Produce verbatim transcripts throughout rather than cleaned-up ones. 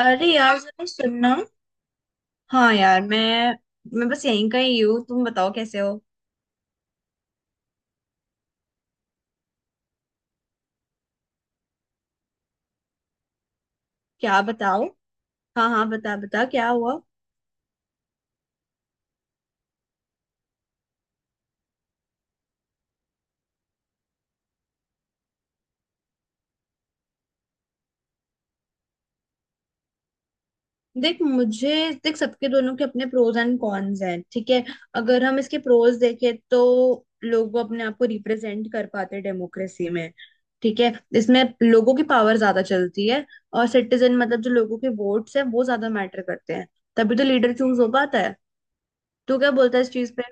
अरे यार जरा सुनना। हाँ यार, मैं मैं बस यहीं का ही हूँ। तुम बताओ कैसे हो? क्या बताओ। हाँ हाँ, बता बता क्या हुआ? देख मुझे देख, सबके दोनों के अपने प्रोज एंड कॉन्स हैं, ठीक है। अगर हम इसके प्रोज देखें तो लोग अपने आप को रिप्रेजेंट कर पाते डेमोक्रेसी में, ठीक है। इसमें लोगों की पावर ज्यादा चलती है और सिटीजन मतलब जो लोगों के वोट्स हैं वो ज्यादा मैटर करते हैं। तभी तो लीडर चूज हो पाता है। तू क्या बोलता है इस चीज पे?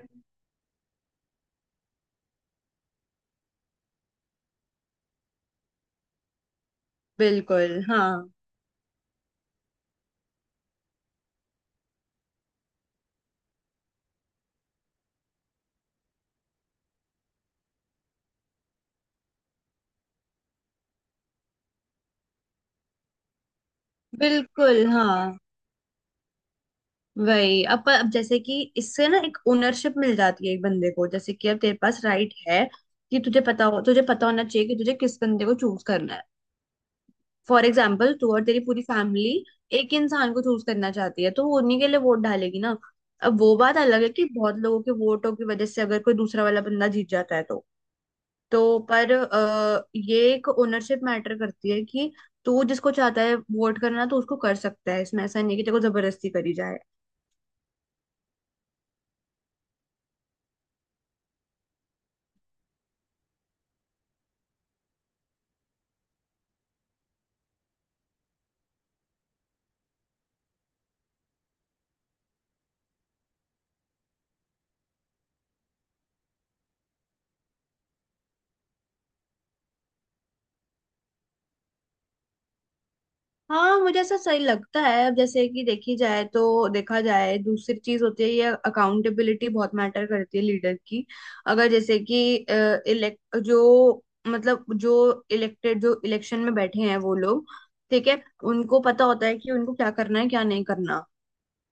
बिल्कुल हाँ। बिल्कुल हाँ। वही अब पर- अब जैसे कि इससे ना एक ओनरशिप मिल जाती है एक बंदे को, जैसे कि अब तेरे पास राइट है कि तुझे पता हो, तुझे पता होना चाहिए कि तुझे किस बंदे को चूज करना है। फॉर एग्जाम्पल तू और तेरी पूरी फैमिली एक इंसान को चूज करना चाहती है तो वो उन्हीं के लिए वोट डालेगी ना। अब वो बात अलग है कि बहुत लोगों के वोटों की वजह से अगर कोई दूसरा वाला बंदा जीत जाता है तो। तो पर आ, ये एक ओनरशिप मैटर करती है कि तू जिसको चाहता है वोट करना तो उसको कर सकता है। इसमें ऐसा नहीं है कि तेरे को जबरदस्ती करी जाए। हाँ, मुझे ऐसा सही लगता है। अब जैसे कि देखी जाए तो देखा जाए, दूसरी चीज होती है ये अकाउंटेबिलिटी बहुत मैटर करती है लीडर की। अगर जैसे कि इलेक्ट जो मतलब जो इलेक्टेड जो इलेक्शन में बैठे हैं वो लोग, ठीक है। उनको पता होता है कि उनको क्या करना है क्या नहीं करना।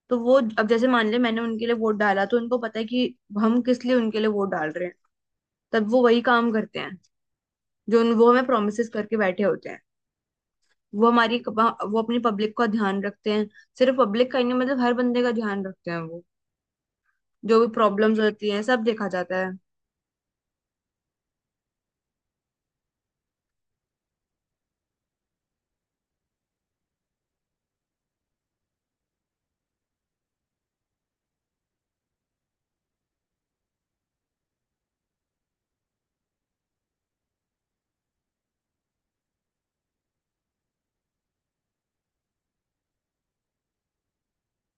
तो वो, अब जैसे मान ले मैंने उनके लिए वोट डाला तो उनको पता है कि हम किस लिए उनके लिए वोट डाल रहे हैं। तब वो वही काम करते हैं जो उन- वो हमें प्रोमिसेस करके बैठे होते हैं। वो हमारी वो अपनी पब्लिक का ध्यान रखते हैं, सिर्फ पब्लिक का ही नहीं मतलब हर बंदे का ध्यान रखते हैं वो। जो भी प्रॉब्लम्स होती हैं सब देखा जाता है।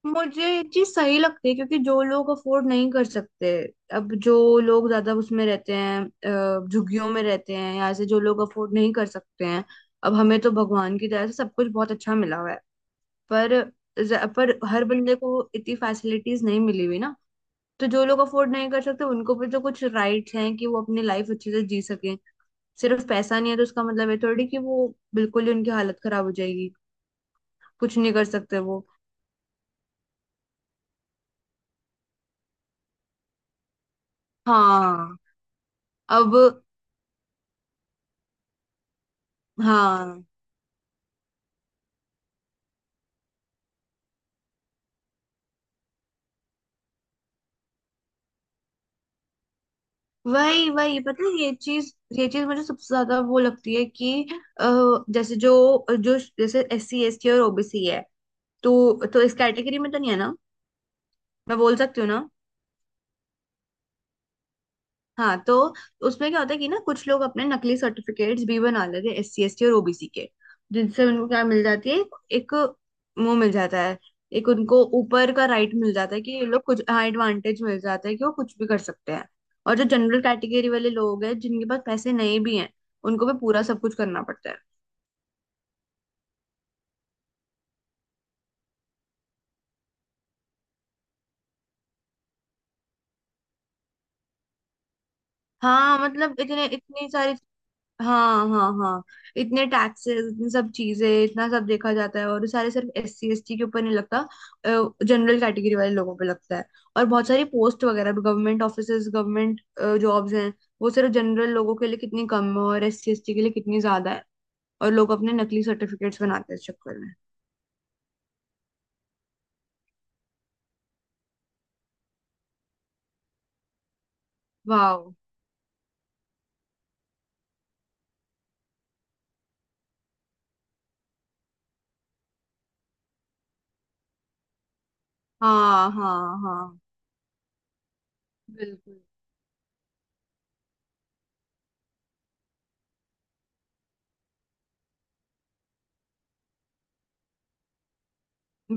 मुझे ये चीज सही लगती है क्योंकि जो लोग अफोर्ड नहीं कर सकते, अब जो लोग ज्यादा उसमें रहते हैं, अ, झुग्गियों में रहते हैं, या ऐसे जो लोग अफोर्ड नहीं कर सकते हैं। अब हमें तो भगवान की तरह से सब कुछ बहुत अच्छा मिला हुआ है पर ज- पर हर बंदे को इतनी फैसिलिटीज नहीं मिली हुई ना। तो जो लोग अफोर्ड नहीं कर सकते उनको भी तो कुछ राइट्स हैं कि वो अपनी लाइफ अच्छे से जी सकें। सिर्फ पैसा नहीं है तो उसका मतलब है थोड़ी कि वो बिल्कुल ही उनकी हालत खराब हो जाएगी, कुछ नहीं कर सकते वो। हाँ। अब। हाँ, वही वही पता है ये चीज। ये चीज मुझे सबसे ज्यादा वो लगती है कि अ, जैसे जो जो जैसे एस सी एस टी और ओबीसी है तो तो इस कैटेगरी में तो नहीं है ना, मैं बोल सकती हूँ ना। हाँ तो उसमें क्या होता है कि ना कुछ लोग अपने नकली सर्टिफिकेट्स भी बना लेते हैं एस सी एस टी और ओबीसी के, जिनसे उनको क्या मिल जाती है। एक वो मिल जाता है, एक उनको ऊपर का राइट मिल जाता है कि ये लोग कुछ, हाँ, एडवांटेज मिल जाता है कि वो कुछ भी कर सकते हैं। और जो जनरल कैटेगरी वाले लोग हैं जिनके पास पैसे नहीं भी हैं उनको भी पूरा सब कुछ करना पड़ता है। हाँ मतलब इतने, इतनी सारी, हाँ हाँ हाँ, इतने टैक्सेस, इतनी सब चीजें, इतना सब देखा जाता है और ये सारे सिर्फ एस सी एस टी के ऊपर नहीं लगता, जनरल कैटेगरी वाले लोगों पे लगता है। और बहुत सारी पोस्ट वगैरह भी, गवर्नमेंट ऑफिसेज, गवर्नमेंट जॉब्स हैं, वो सिर्फ जनरल लोगों के लिए कितनी कम है और एस सी एस टी के लिए कितनी ज्यादा है। और लोग अपने नकली सर्टिफिकेट्स बनाते हैं इस चक्कर में। वाह। हाँ हाँ हाँ। बिल्कुल।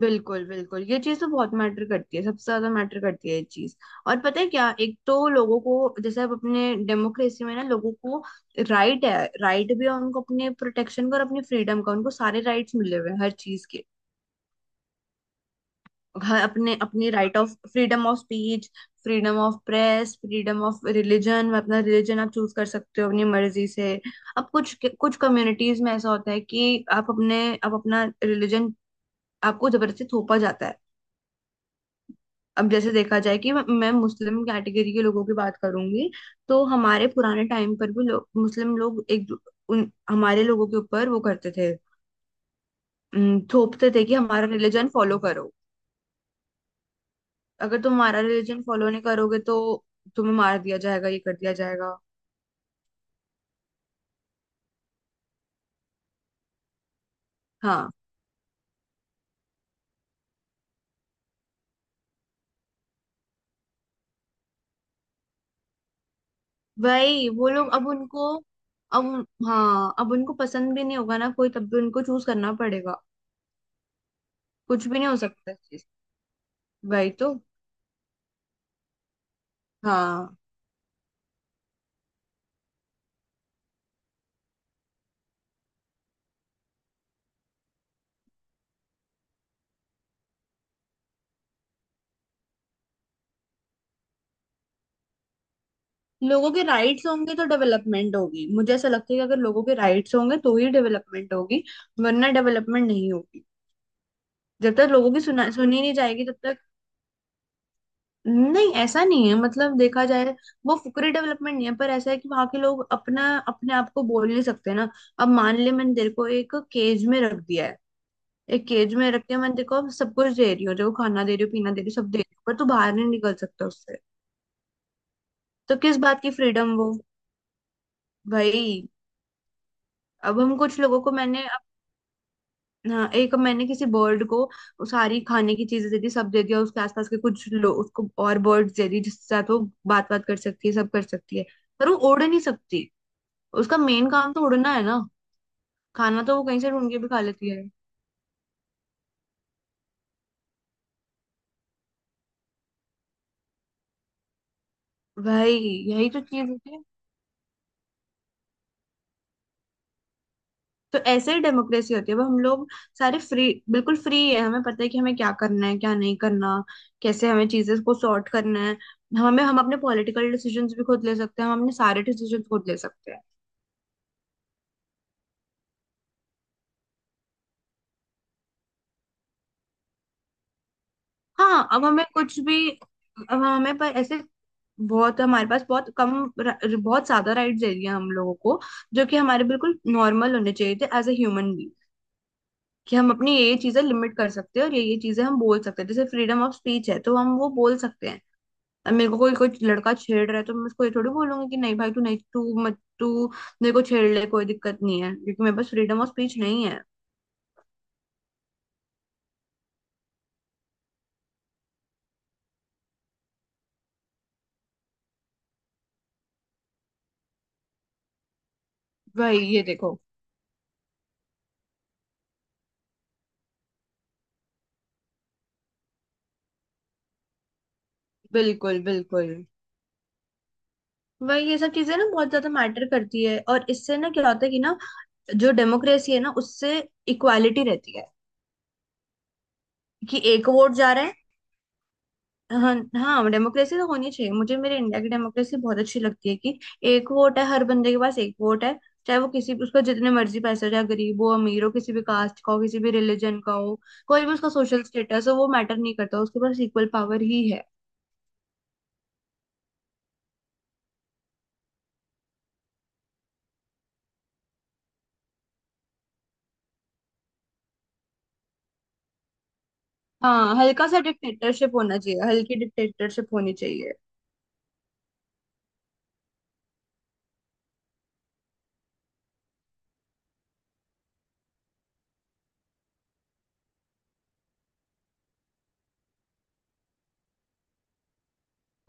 बिल्कुल बिल्कुल, ये चीज तो बहुत मैटर करती है, सबसे ज्यादा मैटर करती है ये चीज। और पता है क्या, एक तो लोगों को जैसे अब अपने डेमोक्रेसी में ना लोगों को राइट है, राइट भी है उनको, अपने प्रोटेक्शन का और अपने फ्रीडम का, उनको सारे राइट्स मिले हुए हैं हर चीज के। हर अपने अपने right of freedom of speech, freedom of press, freedom of religion, अपना रिलीजन आप चूज कर सकते हो अपनी मर्जी से। अब कुछ कुछ कम्युनिटीज में ऐसा होता है कि आप अपने आप अपना रिलीजन, आपको जबरदस्ती थोपा जाता है। अब जैसे देखा जाए, कि मैं मुस्लिम कैटेगरी के लोगों की बात करूंगी तो हमारे पुराने टाइम पर भी लो, मुस्लिम लोग एक दू- उन हमारे लोगों के ऊपर वो करते थे, उम, थोपते थे कि हमारा रिलीजन फॉलो करो। अगर तुम हमारा रिलीजन फॉलो नहीं करोगे तो तुम्हें मार दिया जाएगा, ये कर दिया जाएगा। हाँ, वही वो लोग। अब उनको अब उन- हाँ, अब उनको पसंद भी नहीं होगा ना कोई, तब भी उनको चूज करना पड़ेगा, कुछ भी नहीं हो सकता इस चीज। वही तो। हाँ, लोगों के राइट्स होंगे तो डेवलपमेंट होगी, मुझे ऐसा लगता है कि अगर लोगों के राइट्स होंगे तो ही डेवलपमेंट होगी, वरना डेवलपमेंट नहीं होगी। जब तक लोगों की सुना सुनी नहीं जाएगी तब तक। नहीं ऐसा नहीं है, मतलब देखा जाए वो फुकरे डेवलपमेंट नहीं है, पर ऐसा है कि वहां के लोग अपना अपने आप को बोल नहीं सकते ना। अब मान ले मैंने तेरे को एक केज में रख दिया है। एक केज में रख के मैंने तेरे को अब सब कुछ दे रही हूँ, देखो खाना दे रही हूँ, पीना दे रही हूँ, सब दे रही हूँ, पर तू बाहर नहीं निकल सकता उससे। तो किस बात की फ्रीडम वो, भाई? अब हम कुछ लोगों को मैंने, हाँ, एक मैंने किसी बर्ड को वो सारी खाने की चीजें दे दी, सब दे दिया, उसके आसपास के कुछ लोग उसको और बर्ड्स दे दी जिसके साथ वो बात बात कर सकती है, सब कर सकती है, पर वो उड़ नहीं सकती। उसका मेन काम तो उड़ना है ना, खाना तो वो कहीं से ढूंढ के भी खा लेती है भाई। यही तो चीज होती है। तो ऐसे ही डेमोक्रेसी होती है, वो हम लोग सारे फ्री, बिल्कुल फ्री है, हमें पता है कि हमें क्या करना है क्या नहीं करना, कैसे हमें चीजें को सॉर्ट करना है, हमें, हम अपने पॉलिटिकल डिसीजंस भी खुद ले सकते हैं, हम अपने सारे डिसीजंस खुद ले सकते हैं। हाँ, अब हमें कुछ भी। अब हमें, पर ऐसे बहुत हमारे पास बहुत कम र- बहुत ज्यादा राइट्स दे दिए हम लोगों को, जो कि हमारे बिल्कुल नॉर्मल होने चाहिए थे एज ए ह्यूमन बींग। कि हम अपनी ये ये चीजें लिमिट कर सकते हैं, और ये ये चीजें हम बोल सकते हैं, जैसे फ्रीडम ऑफ स्पीच है तो हम वो बोल सकते हैं। अब मेरे को कोई कोई लड़का छेड़ रहा है तो मैं उसको ये थोड़ी बोलूंगी कि नहीं भाई तू नहीं तू मत तू मेरे को छेड़ ले, कोई दिक्कत नहीं है, क्योंकि मेरे पास फ्रीडम ऑफ स्पीच नहीं है। भाई ये देखो। बिल्कुल बिल्कुल। वही, ये सब चीजें ना बहुत ज्यादा मैटर करती है, और इससे ना क्या होता है कि ना, जो डेमोक्रेसी है ना उससे इक्वालिटी रहती है कि एक वोट जा रहा है। हाँ हाँ, डेमोक्रेसी तो होनी चाहिए, मुझे मेरे इंडिया की डेमोक्रेसी बहुत अच्छी लगती है कि एक वोट है, हर बंदे के पास एक वोट है। चाहे वो, किसी उसका जितने मर्जी पैसे हो, चाहे गरीब हो अमीर हो, किसी भी कास्ट का हो, किसी भी रिलीजन का हो, कोई भी उसका सोशल स्टेटस हो, वो मैटर नहीं करता, उसके पास इक्वल पावर ही है। हाँ, हल्का सा डिक्टेटरशिप होना चाहिए, हल्की डिक्टेटरशिप होनी चाहिए।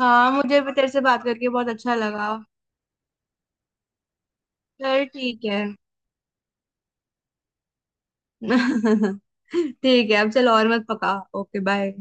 हाँ मुझे भी तेरे से बात करके बहुत अच्छा लगा। चल ठीक है। ठीक है, अब चल और मत पका। Okay bye.